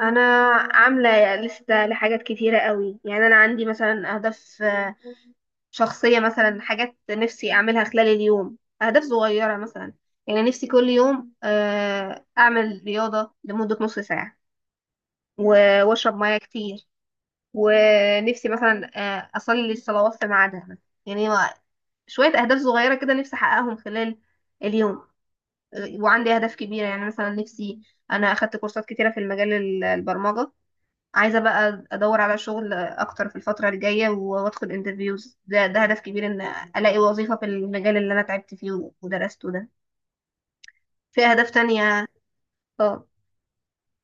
انا عامله لسته لحاجات كتيره قوي، يعني انا عندي مثلا اهداف شخصيه، مثلا حاجات نفسي اعملها خلال اليوم، اهداف صغيره مثلا. يعني نفسي كل يوم اعمل رياضه لمده نص ساعه واشرب ميه كتير، ونفسي مثلا اصلي الصلوات في ميعادها. يعني هو شويه اهداف صغيره كده نفسي احققهم خلال اليوم. وعندي اهداف كبيره، يعني مثلا نفسي انا اخدت كورسات كتيره في المجال البرمجه، عايزة بقى أدور على شغل أكتر في الفترة الجاية وأدخل انترفيوز. ده هدف كبير إن ألاقي وظيفة في المجال اللي أنا تعبت فيه ودرسته ده. في أهداف تانية. اه،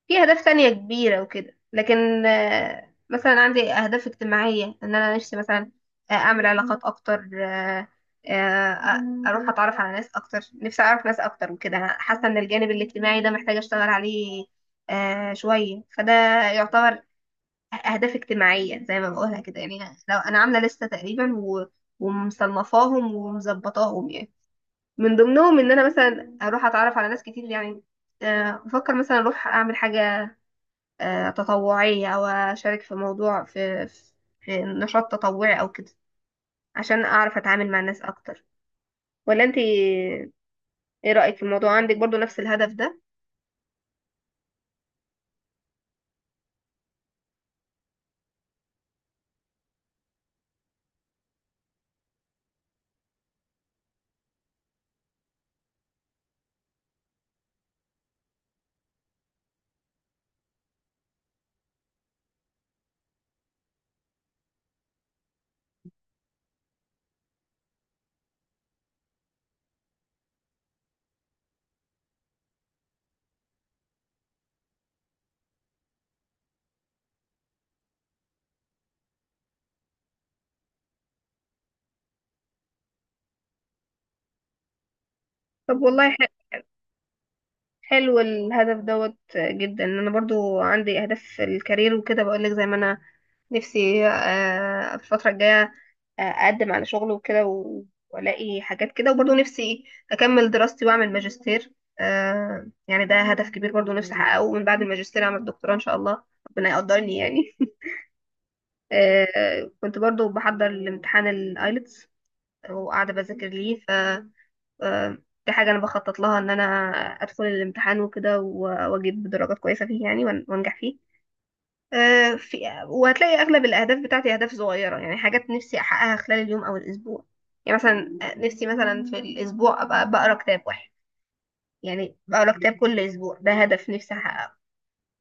في أهداف تانية كبيرة وكده، لكن مثلا عندي أهداف اجتماعية، إن أنا نفسي مثلا أعمل علاقات أكتر، أروح أتعرف على ناس أكتر، نفسي أعرف ناس أكتر وكده. أنا حاسة إن الجانب الاجتماعي ده محتاجة أشتغل عليه شوية، فده يعتبر أهداف اجتماعية زي ما بقولها كده يعني. لو أنا عاملة لستة تقريبا ومصنفاهم ومظبطاهم، يعني من ضمنهم إن أنا مثلا أروح أتعرف على ناس كتير يعني. بفكر مثلا أروح أعمل حاجة تطوعية، أو أشارك في موضوع في نشاط تطوعي أو كده، عشان أعرف أتعامل مع الناس أكتر. ولا أنت إيه رأيك في الموضوع، عندك برضو نفس الهدف ده؟ طب والله حلو الهدف دوت جدا. انا برضو عندي اهداف في الكارير وكده، بقولك زي ما انا نفسي الفتره الجايه اقدم على شغل وكده والاقي حاجات كده. وبرضو نفسي اكمل دراستي واعمل ماجستير. يعني ده هدف كبير. برضو نفسي احققه من بعد الماجستير اعمل دكتوراه ان شاء الله، ربنا يقدرني يعني كنت برضو بحضر لامتحان الايلتس وقاعده بذاكر ليه. آه، دي حاجة أنا بخطط لها، إن أنا أدخل الامتحان وكده وأجيب درجات كويسة فيه يعني، وأنجح فيه آه، في وهتلاقي أغلب الأهداف بتاعتي أهداف صغيرة، يعني حاجات نفسي أحققها خلال اليوم أو الأسبوع. يعني مثلا نفسي مثلا في الأسبوع أبقى بقرا كتاب واحد، يعني بقرا كتاب كل أسبوع، ده هدف نفسي أحققه.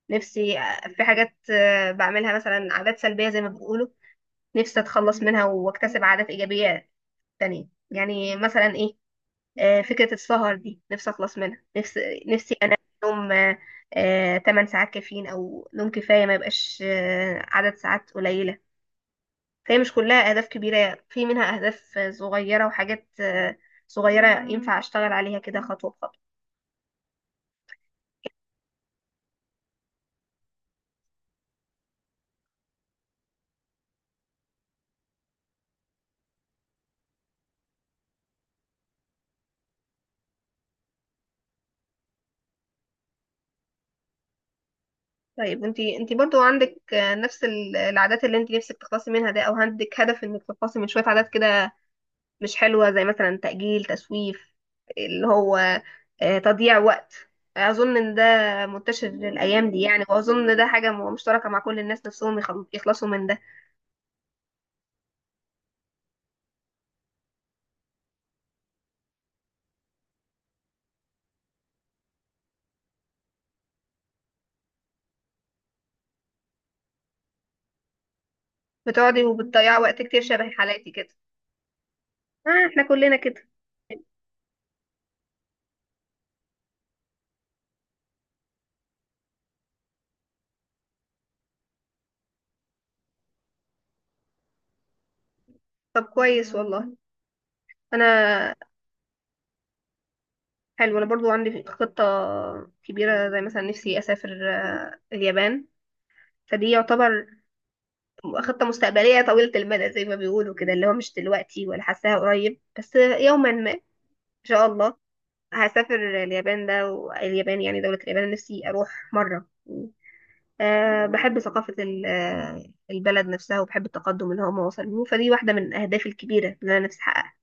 نفسي في حاجات بعملها مثلا عادات سلبية زي ما بيقولوا، نفسي أتخلص منها وأكتسب عادات إيجابية تانية، يعني مثلا إيه، فكرة السهر دي نفسي أخلص منها. نفسي أنام نوم 8 ساعات كافيين، أو نوم كفاية، ما يبقاش عدد ساعات قليلة. فهي مش كلها أهداف كبيرة، في منها أهداف صغيرة وحاجات صغيرة ينفع أشتغل عليها كده خطوة بخطوة. طيب انتي برضو عندك نفس العادات اللي انتي نفسك تخلصي منها ده، او عندك هدف انك تخلصي من شوية عادات كده مش حلوة؟ زي مثلا تأجيل، تسويف، اللي هو تضييع وقت. أظن إن ده منتشر الأيام دي يعني، وأظن ده حاجة مشتركة مع كل الناس، نفسهم يخلصوا من ده. بتقعدي وبتضيعي وقت كتير شبه حالاتي كده؟ آه إحنا كلنا كده. طب كويس والله. أنا حلو، أنا برضو عندي خطة كبيرة، زي مثلا نفسي أسافر اليابان. فدي يعتبر خطة مستقبلية طويلة المدى زي ما بيقولوا كده، اللي هو مش دلوقتي ولا حاساها قريب، بس يوما ما إن شاء الله هسافر اليابان ده. واليابان يعني دولة اليابان نفسي أروح مرة، أه بحب ثقافة البلد نفسها، وبحب التقدم اللي هم وصلوا. فدي واحدة من أهدافي الكبيرة اللي أنا نفسي أحققها.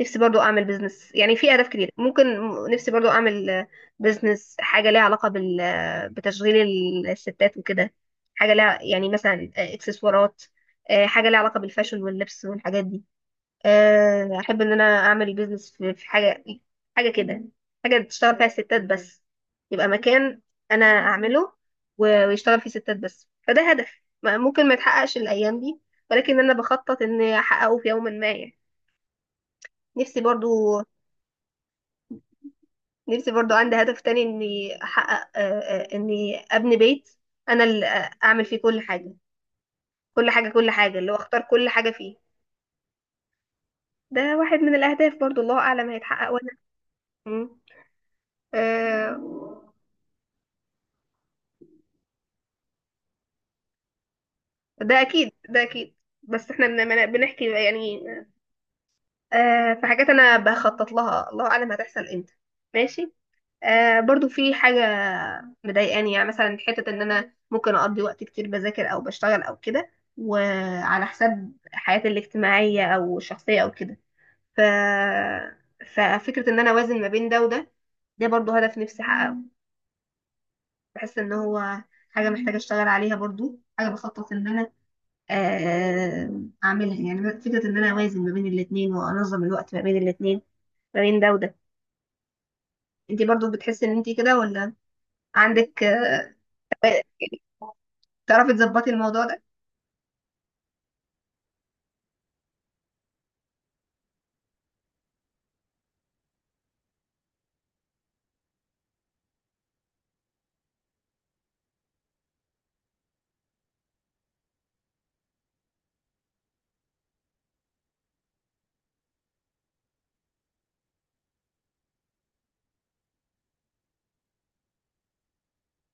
نفسي برضو أعمل بيزنس، يعني في أهداف كتير ممكن، نفسي برضو أعمل بيزنس حاجة ليها علاقة بال بتشغيل الستات وكده، حاجة ليها يعني مثلا إكسسوارات، حاجة ليها علاقة بالفاشن واللبس والحاجات دي. احب ان انا اعمل بيزنس في حاجه، حاجه كده، حاجه تشتغل فيها الستات بس، يبقى مكان انا اعمله ويشتغل فيه ستات بس. فده هدف ممكن ما يتحققش الايام دي، ولكن انا بخطط اني احققه في يوم ما يعني. نفسي برضو نفسي برضو عندي هدف تاني، اني احقق اني ابني بيت انا اللي اعمل فيه كل حاجه، كل حاجه اللي هو اختار كل حاجه فيه. ده واحد من الاهداف برضو، الله اعلم هيتحقق ولا لا. مم. آه، ده اكيد، ده اكيد. بس احنا بنحكي يعني. آه في حاجات انا بخطط لها الله اعلم هتحصل امتى. ماشي. آه برضو في حاجه مضايقاني، يعني مثلا حته ان انا ممكن اقضي وقت كتير بذاكر او بشتغل او كده، وعلى حساب حياتي الاجتماعيه او الشخصيه او كده. ف ففكره ان انا اوازن ما بين ده وده، ده برضو هدف نفسي احققه. بحس ان هو حاجه محتاجه اشتغل عليها، برضو حاجه بخطط ان انا آه، اعملها، يعني فكره ان انا اوازن ما بين الاثنين وانظم الوقت ما بين الاثنين، ما بين ده وده. انت برضو بتحسي ان انت كده ولا؟ عندك يعني تعرفي تظبطي الموضوع ده؟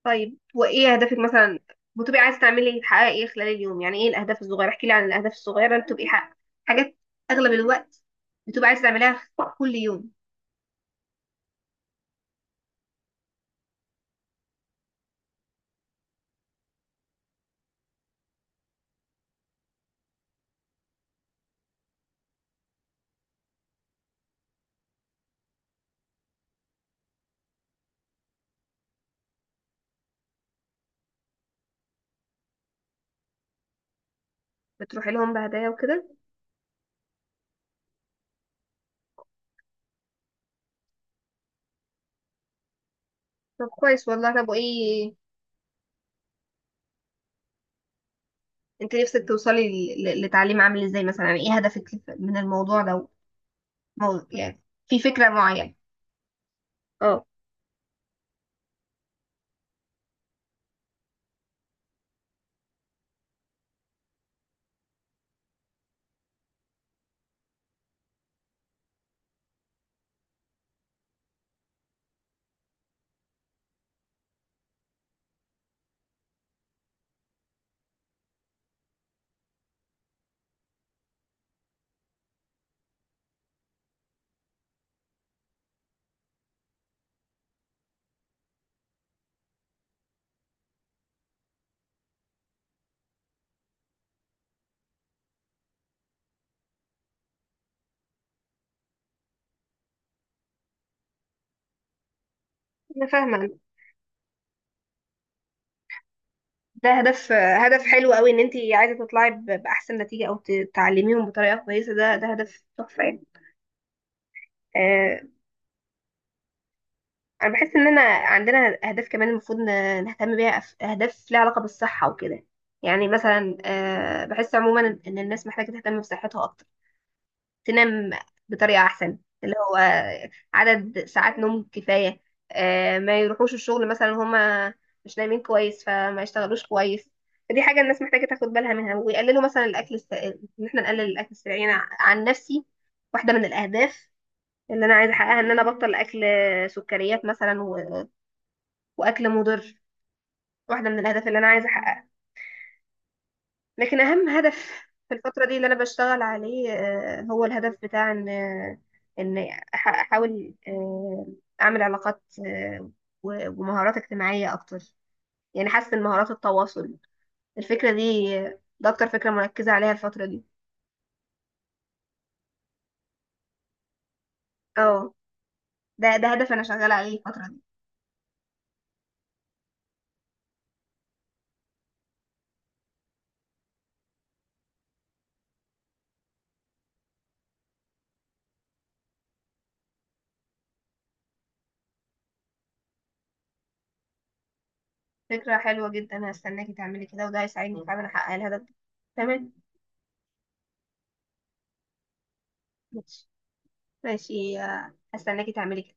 طيب وايه اهدافك مثلا، بتبقي عايزه تعملي، تحققي ايه خلال اليوم؟ يعني ايه الاهداف الصغيره، احكي لي عن الاهداف الصغيره اللي بتبقي حاجات اغلب الوقت بتبقي عايزه تعمليها كل يوم. بتروحي لهم بهدايا وكده؟ طب كويس والله. طب وايه، انت نفسك توصلي لتعليم عامل ازاي مثلا، يعني ايه هدفك من الموضوع ده، او يعني في فكرة معينة؟ اه، انا فاهمه. ده هدف، هدف حلو قوي ان انت عايزه تطلعي باحسن نتيجه، او تعلميهم بطريقه كويسه. ده ده هدف تحفه يعني. آه، انا بحس اننا عندنا اهداف كمان المفروض نهتم بيها. اهداف ليها علاقه بالصحه وكده، يعني مثلا آه بحس عموما ان إن الناس محتاجه تهتم بصحتها اكتر، تنام بطريقة أحسن، اللي هو عدد ساعات نوم كفاية. ما يروحوش الشغل مثلا هما مش نايمين كويس فما يشتغلوش كويس. فدي حاجة الناس محتاجة تاخد بالها منها، ويقللوا مثلا الأكل إن إحنا نقلل الأكل السريع. أنا عن نفسي، واحدة من الأهداف اللي أنا عايزة أحققها إن أنا أبطل أكل سكريات مثلا وأكل مضر، واحدة من الأهداف اللي أنا عايزة أحققها. لكن اهم هدف في الفتره دي اللي انا بشتغل عليه هو الهدف بتاع ان ان احاول اعمل علاقات ومهارات اجتماعيه اكتر. يعني حاسه ان مهارات التواصل، الفكره دي ده اكتر فكره مركزه عليها الفتره دي. اه، ده ده هدف انا شغاله عليه الفتره دي. فكره حلوه جدا، انا هستناكي تعملي كده، وده هيساعدني فعلا احقق الهدف ده. تمام. ماشي، ماشي. هستناكي تعملي كده.